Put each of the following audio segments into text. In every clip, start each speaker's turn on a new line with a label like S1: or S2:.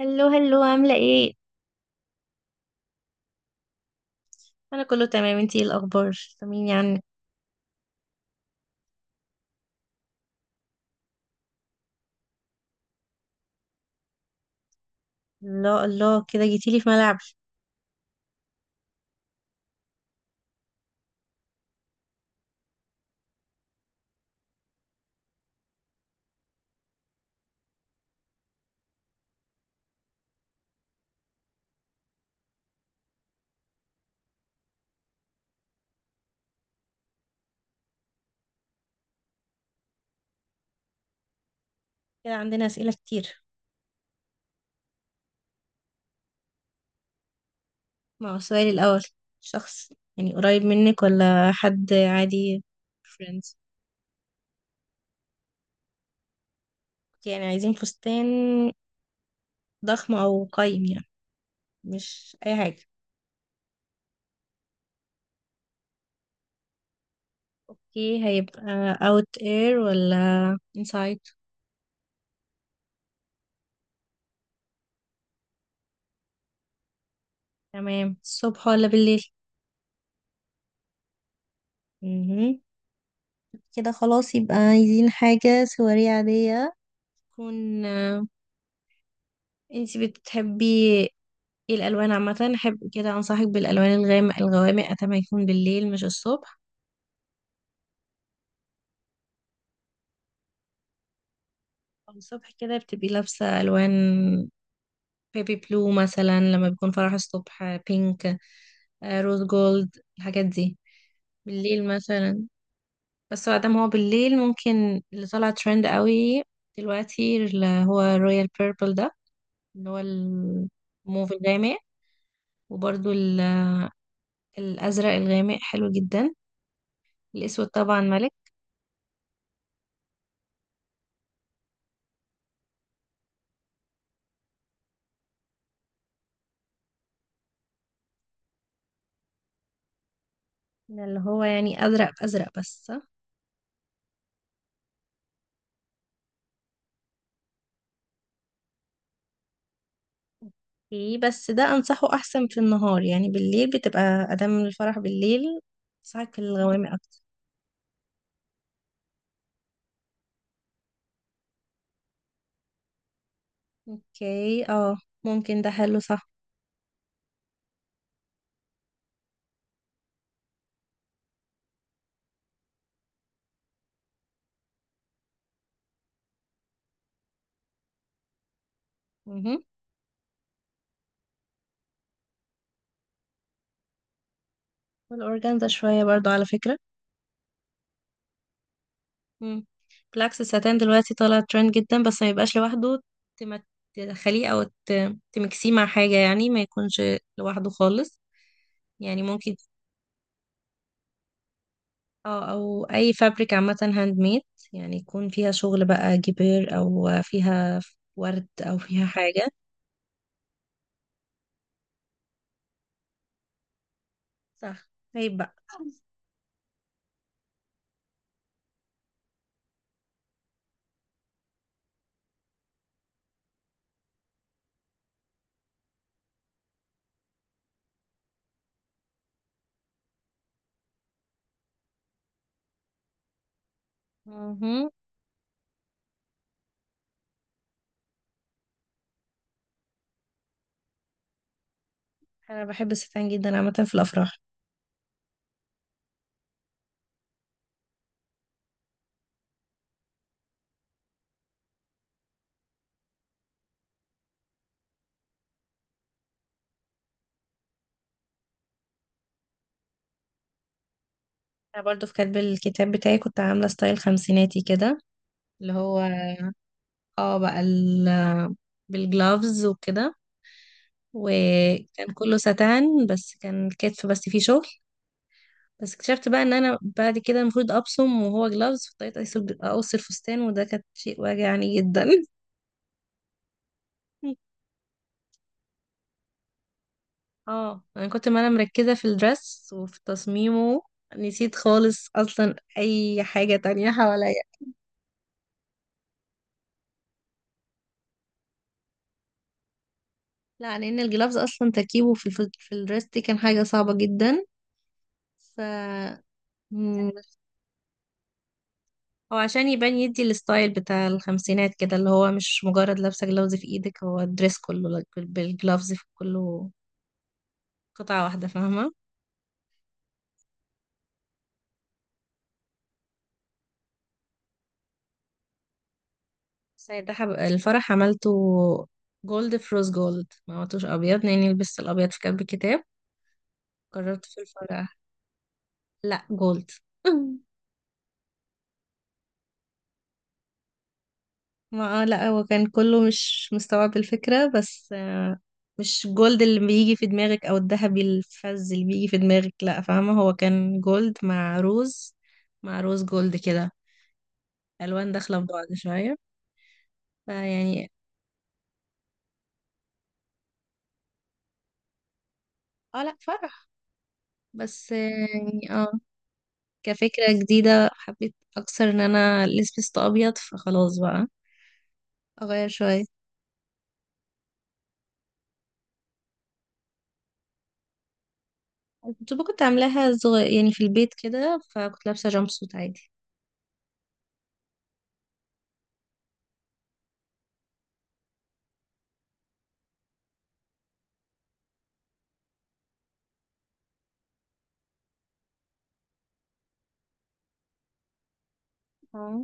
S1: هلو هلو، عاملة ايه؟ انا كله تمام، انتي ايه الاخبار؟ طمني عنك. الله الله، كده جيتيلي في ملعب. كده عندنا اسئلة كتير. مع السؤال الاول، شخص يعني قريب منك ولا حد عادي؟ فريندز؟ يعني عايزين فستان ضخم او قايم يعني، مش اي حاجة. اوكي، هيبقى اوت اير ولا انسايد؟ تمام، الصبح ولا بالليل؟ مهم. كده خلاص يبقى عايزين حاجة سواري عادية تكون. انتي بتحبي ايه الالوان عامه؟ احب كده انصحك بالالوان الغامق الغوامق، اتمنى يكون بالليل مش الصبح. أو الصبح كده بتبقي لابسه الوان بيبي بلو مثلا، لما بيكون فرح الصبح بينك روز جولد الحاجات دي. بالليل مثلا، بس بعد ما دام هو بالليل، ممكن اللي طلع ترند قوي دلوقتي اللي هو رويال بيربل ده، اللي هو الموف الغامق. وبرده الازرق الغامق حلو جدا. الاسود طبعا ملك. اللي هو يعني ازرق في ازرق بس، صح؟ ايه بس ده انصحه احسن في النهار، يعني بالليل بتبقى ادام الفرح بالليل صحك الغوامق اكتر. اوكي، اه ممكن ده حلو، صح؟ مهم. والاورجانزا شويه برضو على فكره. مم. بالعكس الستان دلوقتي طالع ترند جدا، بس ما يبقاش لوحده. تم- تدخليه او تمكسيه مع حاجه، يعني ما يكونش لوحده خالص. يعني ممكن اه، او اي فابريك عامة هاند ميد، يعني يكون فيها شغل بقى جبير او فيها ورد او فيها حاجة. صح. طيب بقى. مهم. انا بحب الستان جدا عامة في الافراح. انا برضو في كاتب الكتاب بتاعي كنت عاملة ستايل خمسيناتي كده، اللي هو اه، بقى ال بالجلافز وكده. وكان كله ستان بس كان الكتف بس فيه شغل. بس اكتشفت بقى ان انا بعد كده المفروض ابصم وهو جلافز، فاضطريت اقص أقص الفستان، وده كان شيء واجعني جدا. اه، انا ما انا مركزة في الدرس وفي تصميمه، نسيت خالص اصلا اي حاجة تانية حواليا. لا، لان الجلافز اصلا تركيبه في في الدرس دي كان حاجة صعبة جدا. ف... مم، هو عشان يبان يدي الستايل بتاع الخمسينات كده، اللي هو مش مجرد لابسة جلافز في ايدك، هو الدرس كله بالجلافز في كله، قطعة واحدة، فاهمة؟ بس ده حب... الفرح عملته جولد في روز جولد، ما عملتوش ابيض لاني لبست الابيض في كتب الكتاب. قررت في الفرح لا جولد. ما لا هو كان كله مش مستوعب الفكرة، بس مش جولد اللي بيجي في دماغك او الذهبي الفز اللي بيجي في دماغك، لا فاهمة، هو كان جولد مع روز، مع روز جولد كده، الوان داخلة في بعض شوية. فيعني... اه لا، فرح. بس يعني اه. كفكرة جديدة حبيت اكثر ان انا لبست ابيض، فخلاص بقى اغير شوية. كنت عاملاها صغير يعني في البيت كده، فكنت لابسة جامب سوت عادي. اه.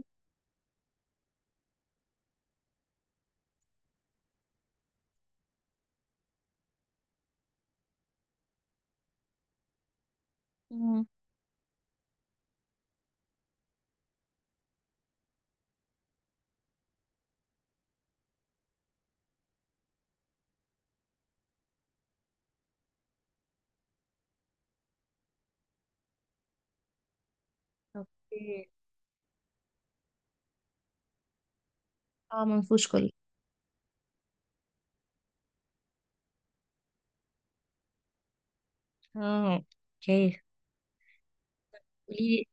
S1: اوكي. اه، منفوش كله. اه. اوكي، قولي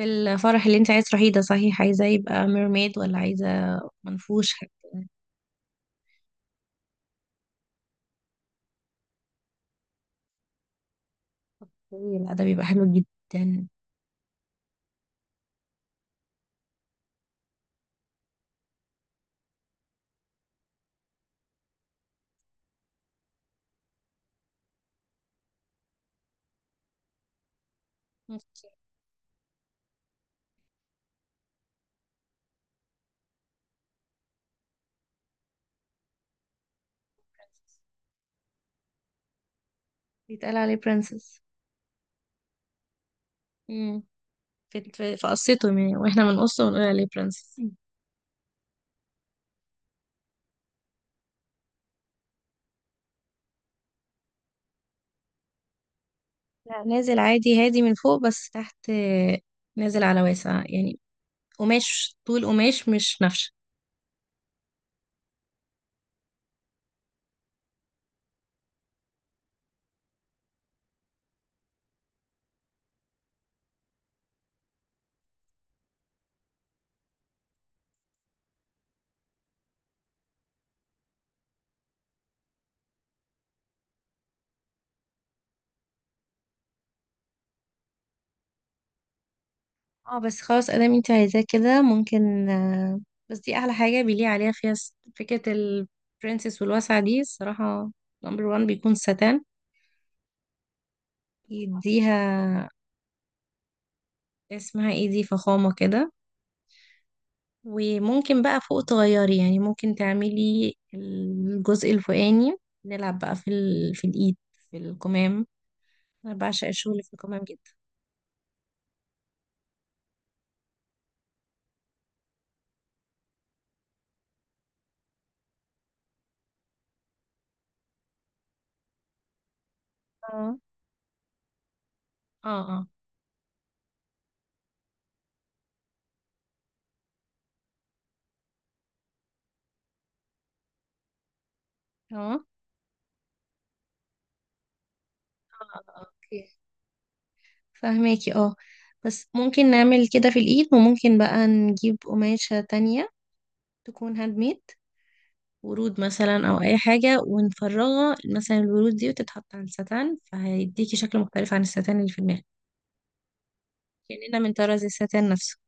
S1: لي الفرح اللي انت عايز تروحيه ده صحيح، عايزة يبقى ميرميد ولا عايزة منفوش حتى؟ اوكي، لا ده بيبقى حلو جدا. اوكي. بيتقال عليه برنسس. امم، في قصته يعني، واحنا بنقصه ونقول عليه برنسس. لا نازل عادي، هادي من فوق بس تحت نازل على واسع يعني، قماش طول قماش مش نفش. اه بس خلاص، ادام انت عايزاه كده ممكن بس دي احلى حاجه بيليق عليها، فيها فكره البرنسس والواسعه دي الصراحه. نمبر وان بيكون ساتان، يديها اسمها ايه دي، فخامه كده. وممكن بقى فوق تغيري، يعني ممكن تعملي الجزء الفوقاني، نلعب بقى في ال... في الايد، في الكمام. انا بعشق الشغل في الكمام جدا. اه اه. اه اه. اوكي. فهماكي، اه. بس ممكن نعمل كده في الايد، وممكن بقى نجيب قماشة تانية تكون هاند ميد، ورود مثلا او اي حاجة، ونفرغها مثلا الورود دي وتتحط على الستان، فهيديكي شكل مختلف عن الستان اللي في دماغك، كأننا من طراز الستان نفسه.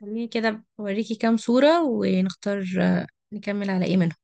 S1: خليني كده بوريكي كام صورة ونختار نكمل على ايه منهم.